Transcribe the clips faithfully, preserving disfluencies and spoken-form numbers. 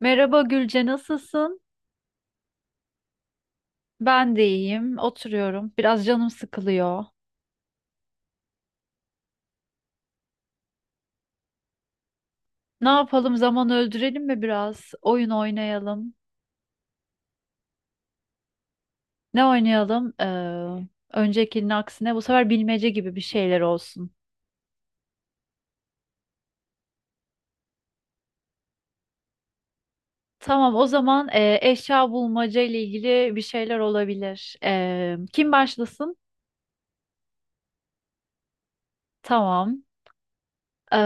Merhaba Gülce, nasılsın? Ben de iyiyim, oturuyorum. Biraz canım sıkılıyor. Ne yapalım, zaman öldürelim mi biraz? Oyun oynayalım. Ne oynayalım? Ee, öncekinin aksine bu sefer bilmece gibi bir şeyler olsun. Tamam, o zaman e, eşya bulmaca ile ilgili bir şeyler olabilir. Ee, kim başlasın? Tamam. Ee,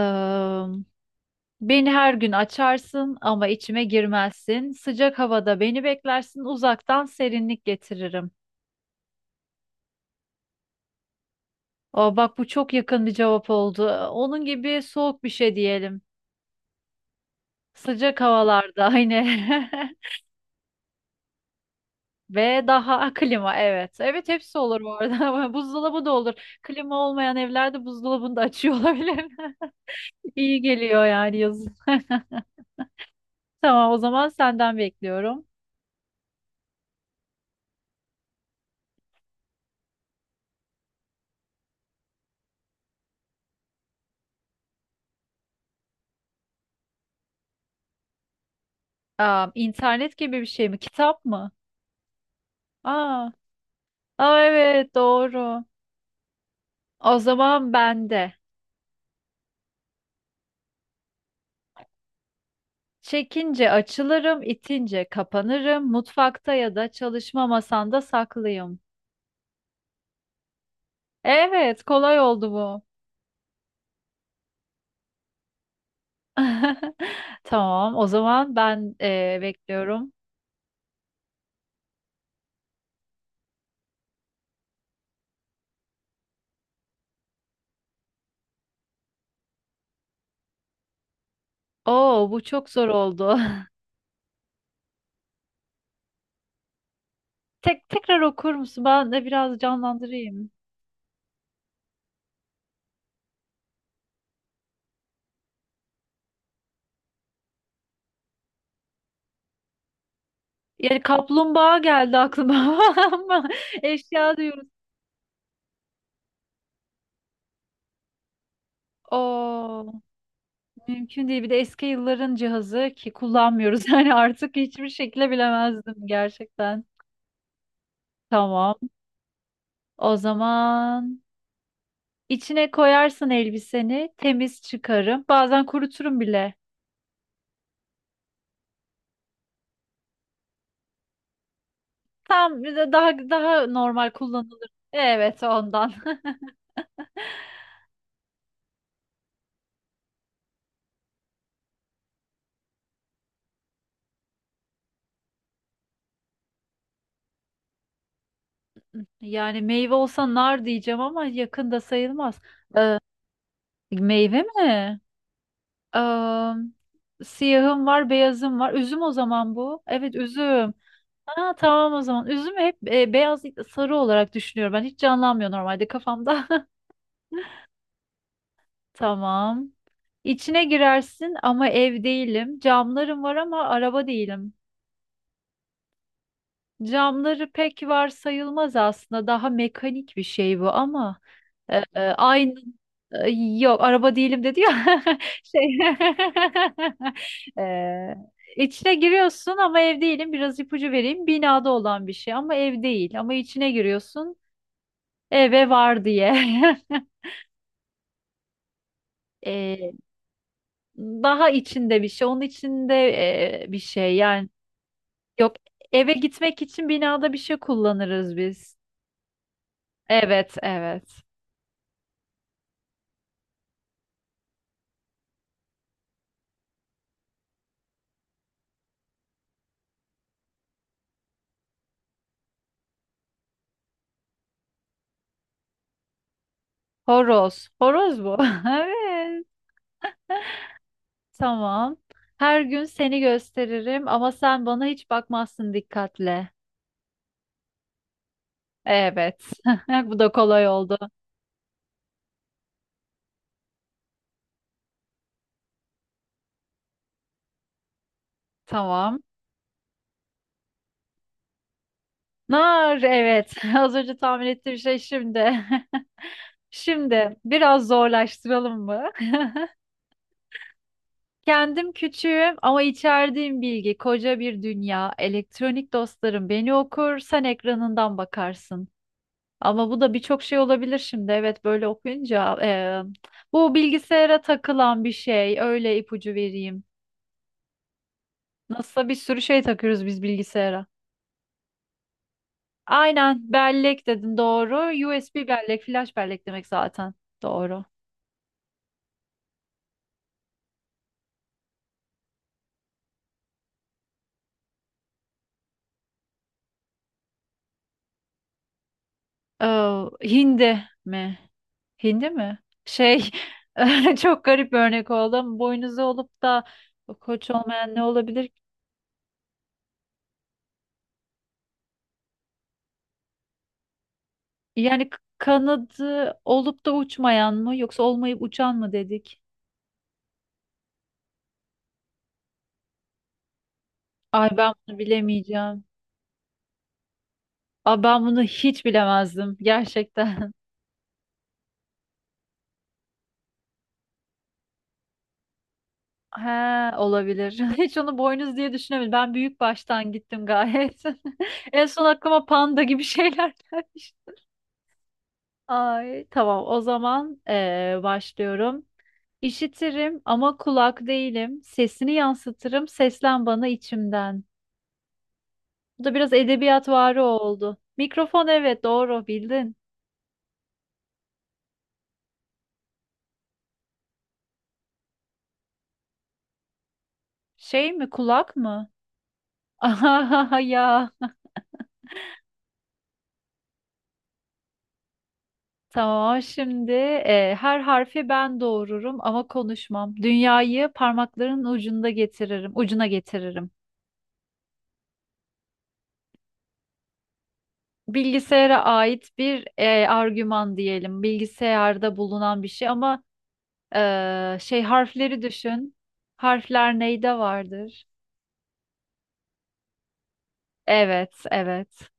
Beni her gün açarsın ama içime girmezsin. Sıcak havada beni beklersin, uzaktan serinlik getiririm. O bak, bu çok yakın bir cevap oldu. Onun gibi soğuk bir şey diyelim. Sıcak havalarda aynı. Ve daha klima, evet. Evet, hepsi olur bu arada. Buzdolabı da olur. Klima olmayan evlerde buzdolabını da açıyor olabilir. İyi geliyor yani yazın. Tamam, o zaman senden bekliyorum. Aa, internet gibi bir şey mi? Kitap mı? Aa, aa, evet, doğru. O zaman bende. Çekince açılırım, itince kapanırım. Mutfakta ya da çalışma masanda saklıyım. Evet, kolay oldu bu. Tamam, o zaman ben eee, bekliyorum. Oo, bu çok zor oldu. Tek tekrar okur musun? Ben de biraz canlandırayım. Yani kaplumbağa geldi aklıma ama eşya diyoruz. Oo, mümkün değil. Bir de eski yılların cihazı ki kullanmıyoruz. Yani artık hiçbir şekilde bilemezdim gerçekten. Tamam. O zaman içine koyarsın elbiseni, temiz çıkarım. Bazen kuruturum bile. Tam daha daha normal kullanılır. Evet, ondan. Yani meyve olsa nar diyeceğim ama yakında sayılmaz. Ee, Meyve mi? Ee, Siyahım var, beyazım var. Üzüm o zaman bu. Evet, üzüm. Ha, tamam o zaman. Üzüm hep e, beyaz değil de sarı olarak düşünüyorum. Ben hiç canlanmıyor normalde kafamda. Tamam. İçine girersin ama ev değilim. Camlarım var ama araba değilim. Camları pek var sayılmaz aslında. Daha mekanik bir şey bu ama e, e, aynı e, yok, araba değilim dedi ya, şey e, içine giriyorsun ama ev değilim. Biraz ipucu vereyim. Binada olan bir şey ama ev değil. Ama içine giriyorsun eve var diye. E, Daha içinde bir şey. Onun içinde e, bir şey yani. Yok, eve gitmek için binada bir şey kullanırız biz. Evet, evet. Horoz. Horoz bu. Evet. Tamam. Her gün seni gösteririm ama sen bana hiç bakmazsın dikkatle. Evet. Bu da kolay oldu. Tamam. Nar, evet. Az önce tahmin ettiğim şey şimdi. Şimdi biraz zorlaştıralım mı? Kendim küçüğüm ama içerdiğim bilgi koca bir dünya. Elektronik dostlarım beni okur, sen ekranından bakarsın. Ama bu da birçok şey olabilir şimdi. Evet, böyle okuyunca eee, bu bilgisayara takılan bir şey. Öyle ipucu vereyim. Nasılsa bir sürü şey takıyoruz biz bilgisayara. Aynen, bellek dedin, doğru. U S B bellek, flash bellek demek zaten. Doğru. Eee, hindi mi? Hindi mi? Şey, çok garip bir örnek oldu ama boynuzu olup da koç olmayan ne olabilir? Yani k- kanadı olup da uçmayan mı yoksa olmayıp uçan mı dedik? Ay, ben bunu bilemeyeceğim. Ay, ben bunu hiç bilemezdim gerçekten. He, olabilir. Hiç onu boynuz diye düşünemedim. Ben büyük baştan gittim gayet. En son aklıma panda gibi şeyler gelmiş. Ay tamam, o zaman eee, başlıyorum. İşitirim ama kulak değilim. Sesini yansıtırım, seslen bana içimden. Bu da biraz edebiyatvari oldu. Mikrofon, evet, doğru bildin. Şey mi, kulak mı? Ah ya. Tamam, şimdi e, her harfi ben doğururum ama konuşmam. Dünyayı parmakların ucunda getiririm, ucuna getiririm. Bilgisayara ait bir e, argüman diyelim. Bilgisayarda bulunan bir şey ama Ee, şey, harfleri düşün. Harfler neyde vardır? Evet, evet.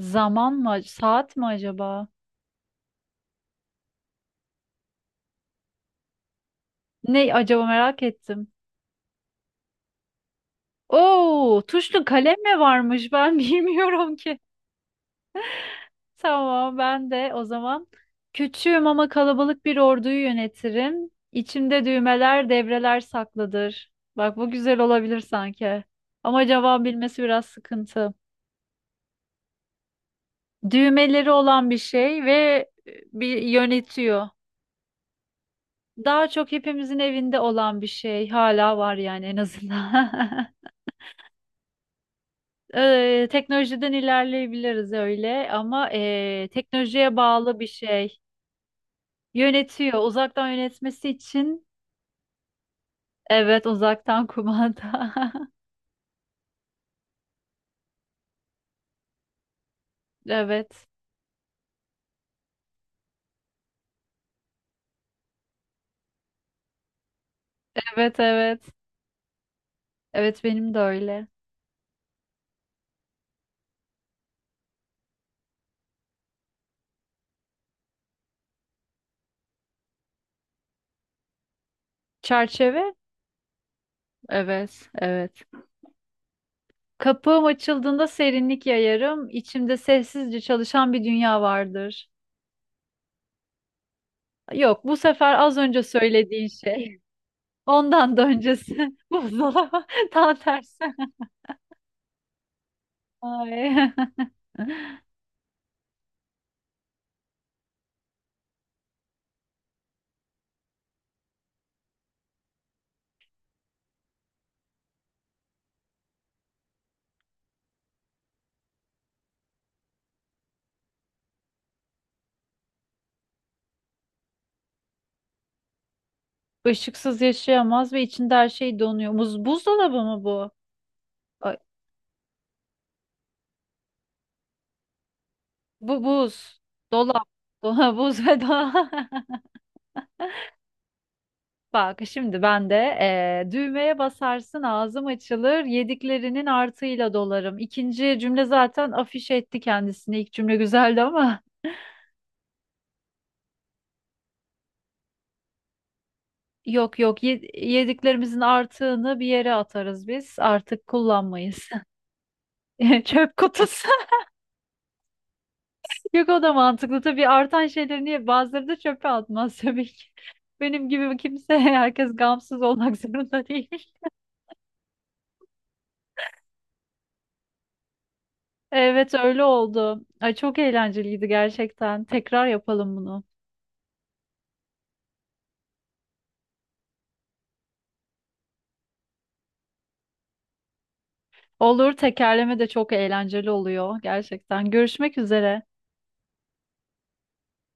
Zaman mı? Saat mi acaba? Ne acaba, merak ettim. Oo, tuşlu kalem mi varmış? Ben bilmiyorum ki. Tamam, ben de o zaman küçüğüm ama kalabalık bir orduyu yönetirim. İçimde düğmeler, devreler saklıdır. Bak, bu güzel olabilir sanki. Ama cevap bilmesi biraz sıkıntı. Düğmeleri olan bir şey ve e, bir yönetiyor. Daha çok hepimizin evinde olan bir şey hala var yani en azından. Eee, teknolojiden ilerleyebiliriz öyle ama eee, teknolojiye bağlı bir şey. Yönetiyor. Uzaktan yönetmesi için evet, uzaktan kumanda. Evet. Evet, evet. Evet, benim de öyle. Çerçeve? Evet. Evet. Kapım açıldığında serinlik yayarım. İçimde sessizce çalışan bir dünya vardır. Yok, bu sefer az önce söylediğin şey. Ondan da öncesi buzdolabı, tam tersi. Ay. Işıksız yaşayamaz ve içinde her şey donuyor. Buz, buzdolabı mı bu? Ay, bu buz. Dolap. Dolap, buz ve dolap. Bak, şimdi ben de eee, düğmeye basarsın, ağzım açılır, yediklerinin artıyla dolarım. İkinci cümle zaten afiş etti kendisini. İlk cümle güzeldi ama. Yok yok, ye- yediklerimizin artığını bir yere atarız biz. Artık kullanmayız. Çöp kutusu. Yok, o da mantıklı. Tabii artan şeyleri niye bazıları da çöpe atmaz tabii ki. Benim gibi kimse herkes gamsız olmak zorunda değil. Evet, öyle oldu. Ay, çok eğlenceliydi gerçekten. Tekrar yapalım bunu. Olur, tekerleme de çok eğlenceli oluyor gerçekten. Görüşmek üzere.